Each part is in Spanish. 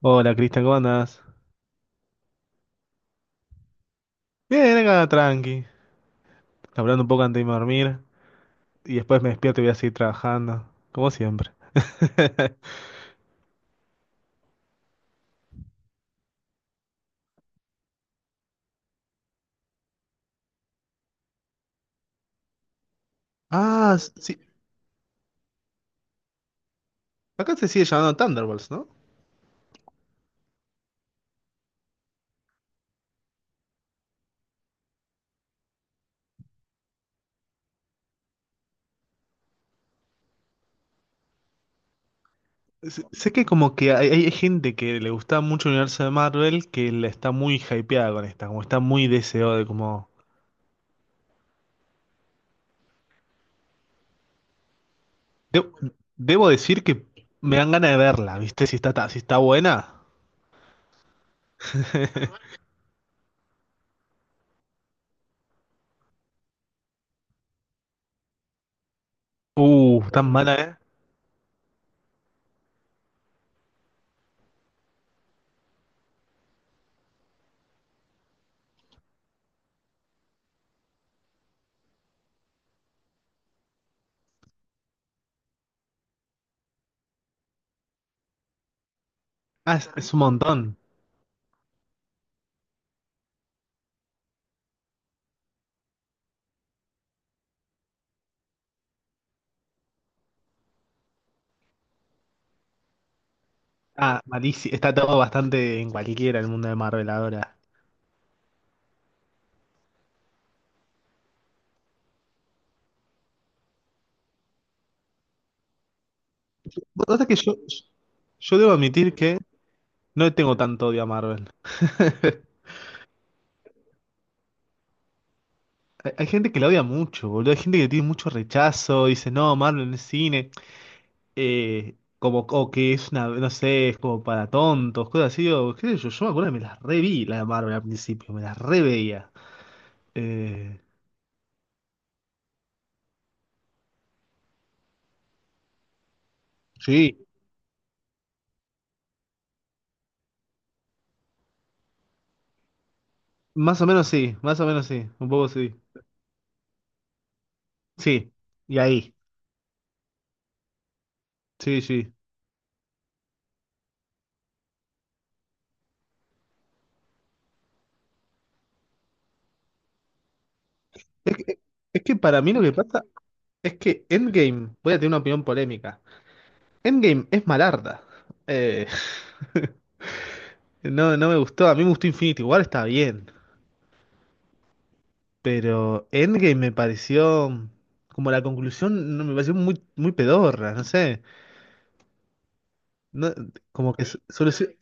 Hola Cristian, ¿cómo andás? Bien, acá tranqui, hablando un poco antes de irme a dormir y después me despierto y voy a seguir trabajando, como siempre. Ah, sí, acá se sigue llamando Thunderbolts, ¿no? Sé que como que hay gente que le gusta mucho el universo de Marvel que la está muy hypeada con esta, como está muy deseado de como... De- debo decir que me dan ganas de verla, ¿viste? Si está, si está buena. Tan mala, ¿eh? Ah, es un montón. Ah, malísimo. Está todo bastante en cualquiera el mundo de Marvel ahora. Vos sabés que yo debo admitir que no le tengo tanto odio a Marvel. Hay gente que la odia mucho, boludo. Hay gente que tiene mucho rechazo. Dice, no, Marvel no es cine. Como, o que es una, no sé, es como para tontos, cosas así. O, qué sé yo, yo me acuerdo que me las reví, la de Marvel al principio. Me las reveía. Eh, sí, más o menos sí, más o menos sí. Un poco sí. Sí, y ahí. Sí, sí. Es que, es que para mí lo que pasa es que Endgame, voy a tener una opinión polémica. Endgame es malarda. Eh, no, no me gustó, a mí me gustó Infinity War, está bien, pero Endgame me pareció como la conclusión, no, me pareció muy muy pedorra, no sé. No, como que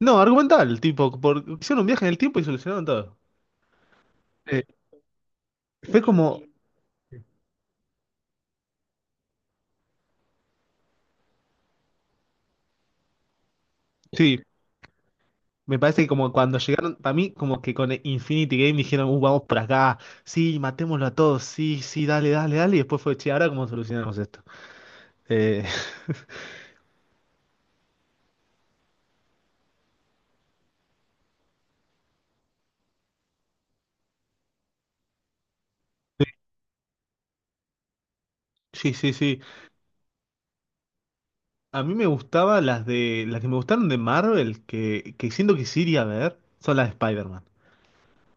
no, argumental, tipo, por, hicieron un viaje en el tiempo y solucionaron todo. Eh, fue como, sí, me parece que como cuando llegaron, para mí, como que con Infinity Game dijeron, vamos por acá, sí, matémoslo a todos, sí, sí, dale, dale, dale, y después fue, che, ahora cómo solucionamos esto. Eh, sí, sí, sí. A mí me gustaba las que me gustaron de Marvel, que siento que sí iría a ver, son las de Spider-Man.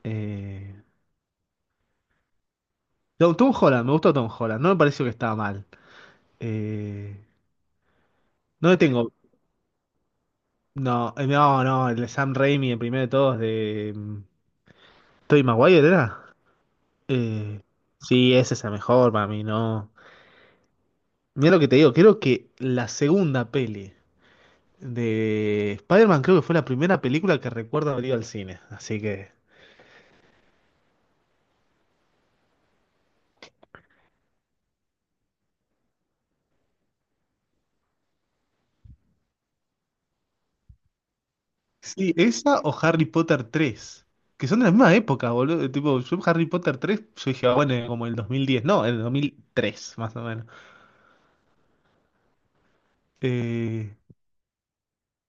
Eh, no, Tom Holland, me gustó Tom Holland, no me pareció que estaba mal. Eh, no le tengo, no, no, no, el de Sam Raimi, el primero de todos, de Tobey Maguire, ¿era? Eh, sí, esa es la mejor para mí, no. Mira lo que te digo, creo que la segunda peli de Spider-Man creo que fue la primera película que recuerdo haber ido al cine. Así que. Sí, esa o Harry Potter 3, que son de la misma época, boludo. Tipo, yo Harry Potter 3, yo dije, ah, bueno, como en el 2010, no, en el 2003, más o menos. Eh,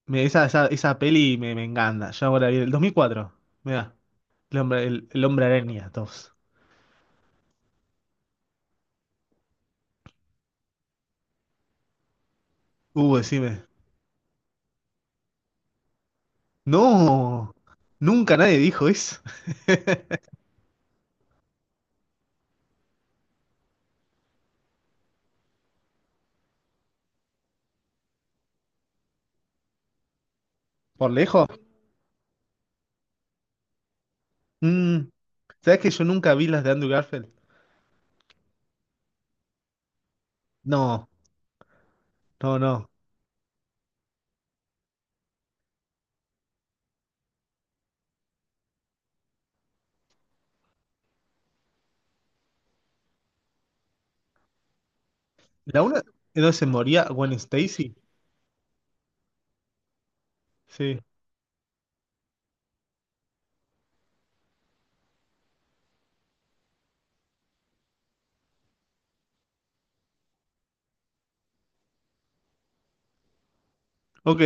esa peli me encanta. Ya ahora vi el 2004. Mira, el hombre araña 2. Decime. No, nunca nadie dijo eso. Por lejos. Mm, ¿sabes que yo nunca vi las de Andrew Garfield? No, no, no. La una es donde se moría Gwen Stacy. Sí. Ok,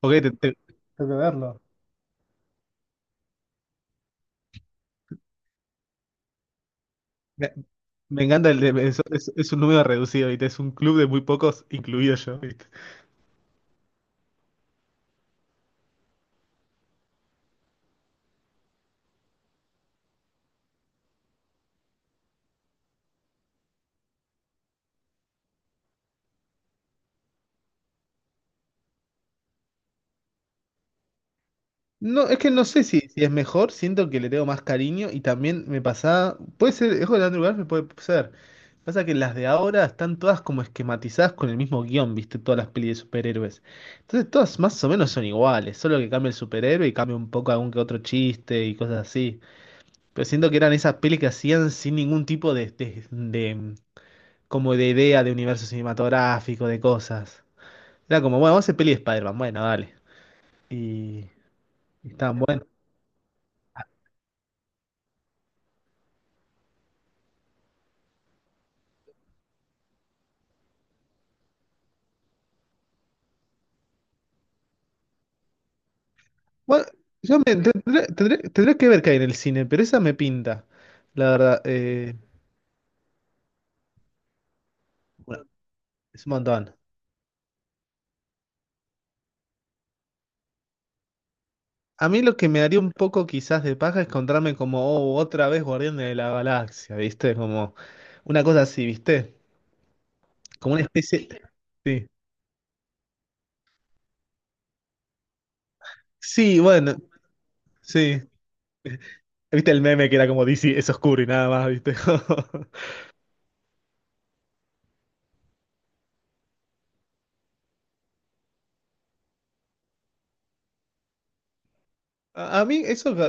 ok, tengo que verlo. Me, me encanta el de- es un número reducido, ¿viste? Es un club de muy pocos, incluido yo. No, es que no sé si, si es mejor, siento que le tengo más cariño y también me pasa. Puede ser, es de Andrew Garfield, puede ser. Pasa que las de ahora están todas como esquematizadas con el mismo guión, viste, todas las pelis de superhéroes. Entonces todas más o menos son iguales, solo que cambia el superhéroe y cambia un poco algún que otro chiste y cosas así. Pero siento que eran esas pelis que hacían sin ningún tipo como de idea de universo cinematográfico, de cosas. Era como, bueno, vamos a hacer peli de Spider-Man, bueno, dale. Y, y estaban. Bueno, yo me- tendré, tendré- tendré que ver qué hay en el cine, pero esa me pinta, la verdad. Bueno, es un montón. A mí lo que me daría un poco quizás de paja es encontrarme como, oh, otra vez Guardián de la Galaxia, ¿viste? Como una cosa así, ¿viste? Como una especie... Sí. Sí, bueno, sí. ¿Viste el meme que era como DC, es oscuro y nada más, ¿viste? A, a mí eso, yo,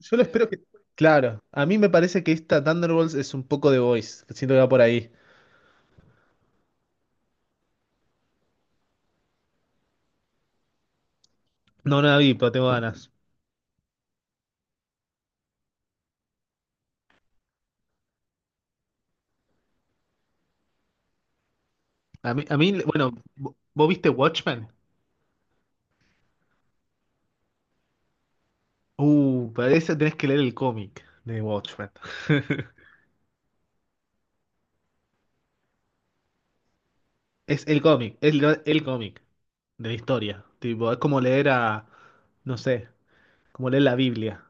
yo lo espero que... Claro, a mí me parece que esta Thunderbolts es un poco de Voice, siento que va por ahí. No, no la vi, pero tengo ganas. Bueno, ¿vos viste Watchmen? Para eso tenés que leer el cómic de Watchmen. Es el cómic, el cómic de la historia. Tipo, es como leer a, no sé, como leer la Biblia.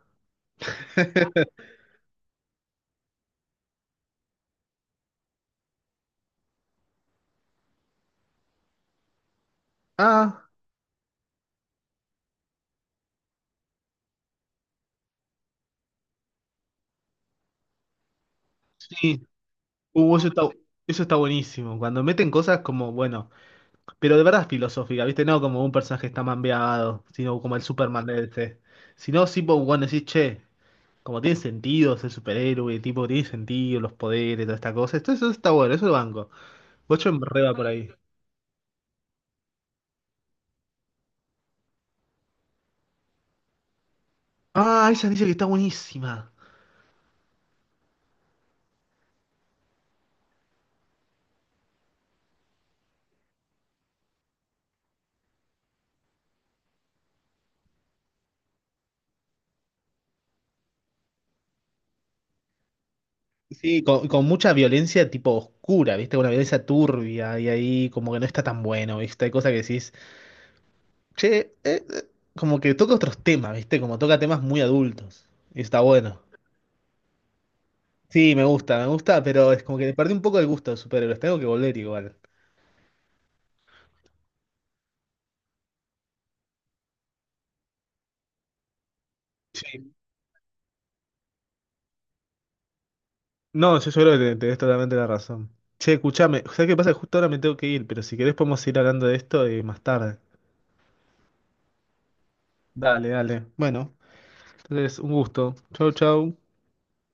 Ah, sí. Uh, eso está, eso está buenísimo. Cuando meten cosas como, bueno, pero de verdad filosófica, ¿viste? No como un personaje está mambeado, sino como el Superman de este. Sino, sí, vos, bueno, decís, che. Como tiene sentido ser superhéroe, tipo, tiene sentido los poderes, toda esta cosa. Esto, eso está bueno, eso lo banco. Bocho en reba por ahí. Ah, esa dice que está buenísima. Sí, con mucha violencia tipo oscura, ¿viste? Con una violencia turbia y ahí como que no está tan bueno, ¿viste? Hay cosas que decís, che, eh, eh", como que toca otros temas, ¿viste? Como toca temas muy adultos. Y está bueno. Sí, me gusta, pero es como que le perdí un poco el gusto de superhéroes. Tengo que volver igual. No, yo creo que tenés totalmente la razón. Che, escuchame, ¿sabés qué pasa? Justo ahora me tengo que ir, pero si querés podemos ir hablando de esto más tarde. Dale, dale. Bueno, entonces un gusto. Chau, chau.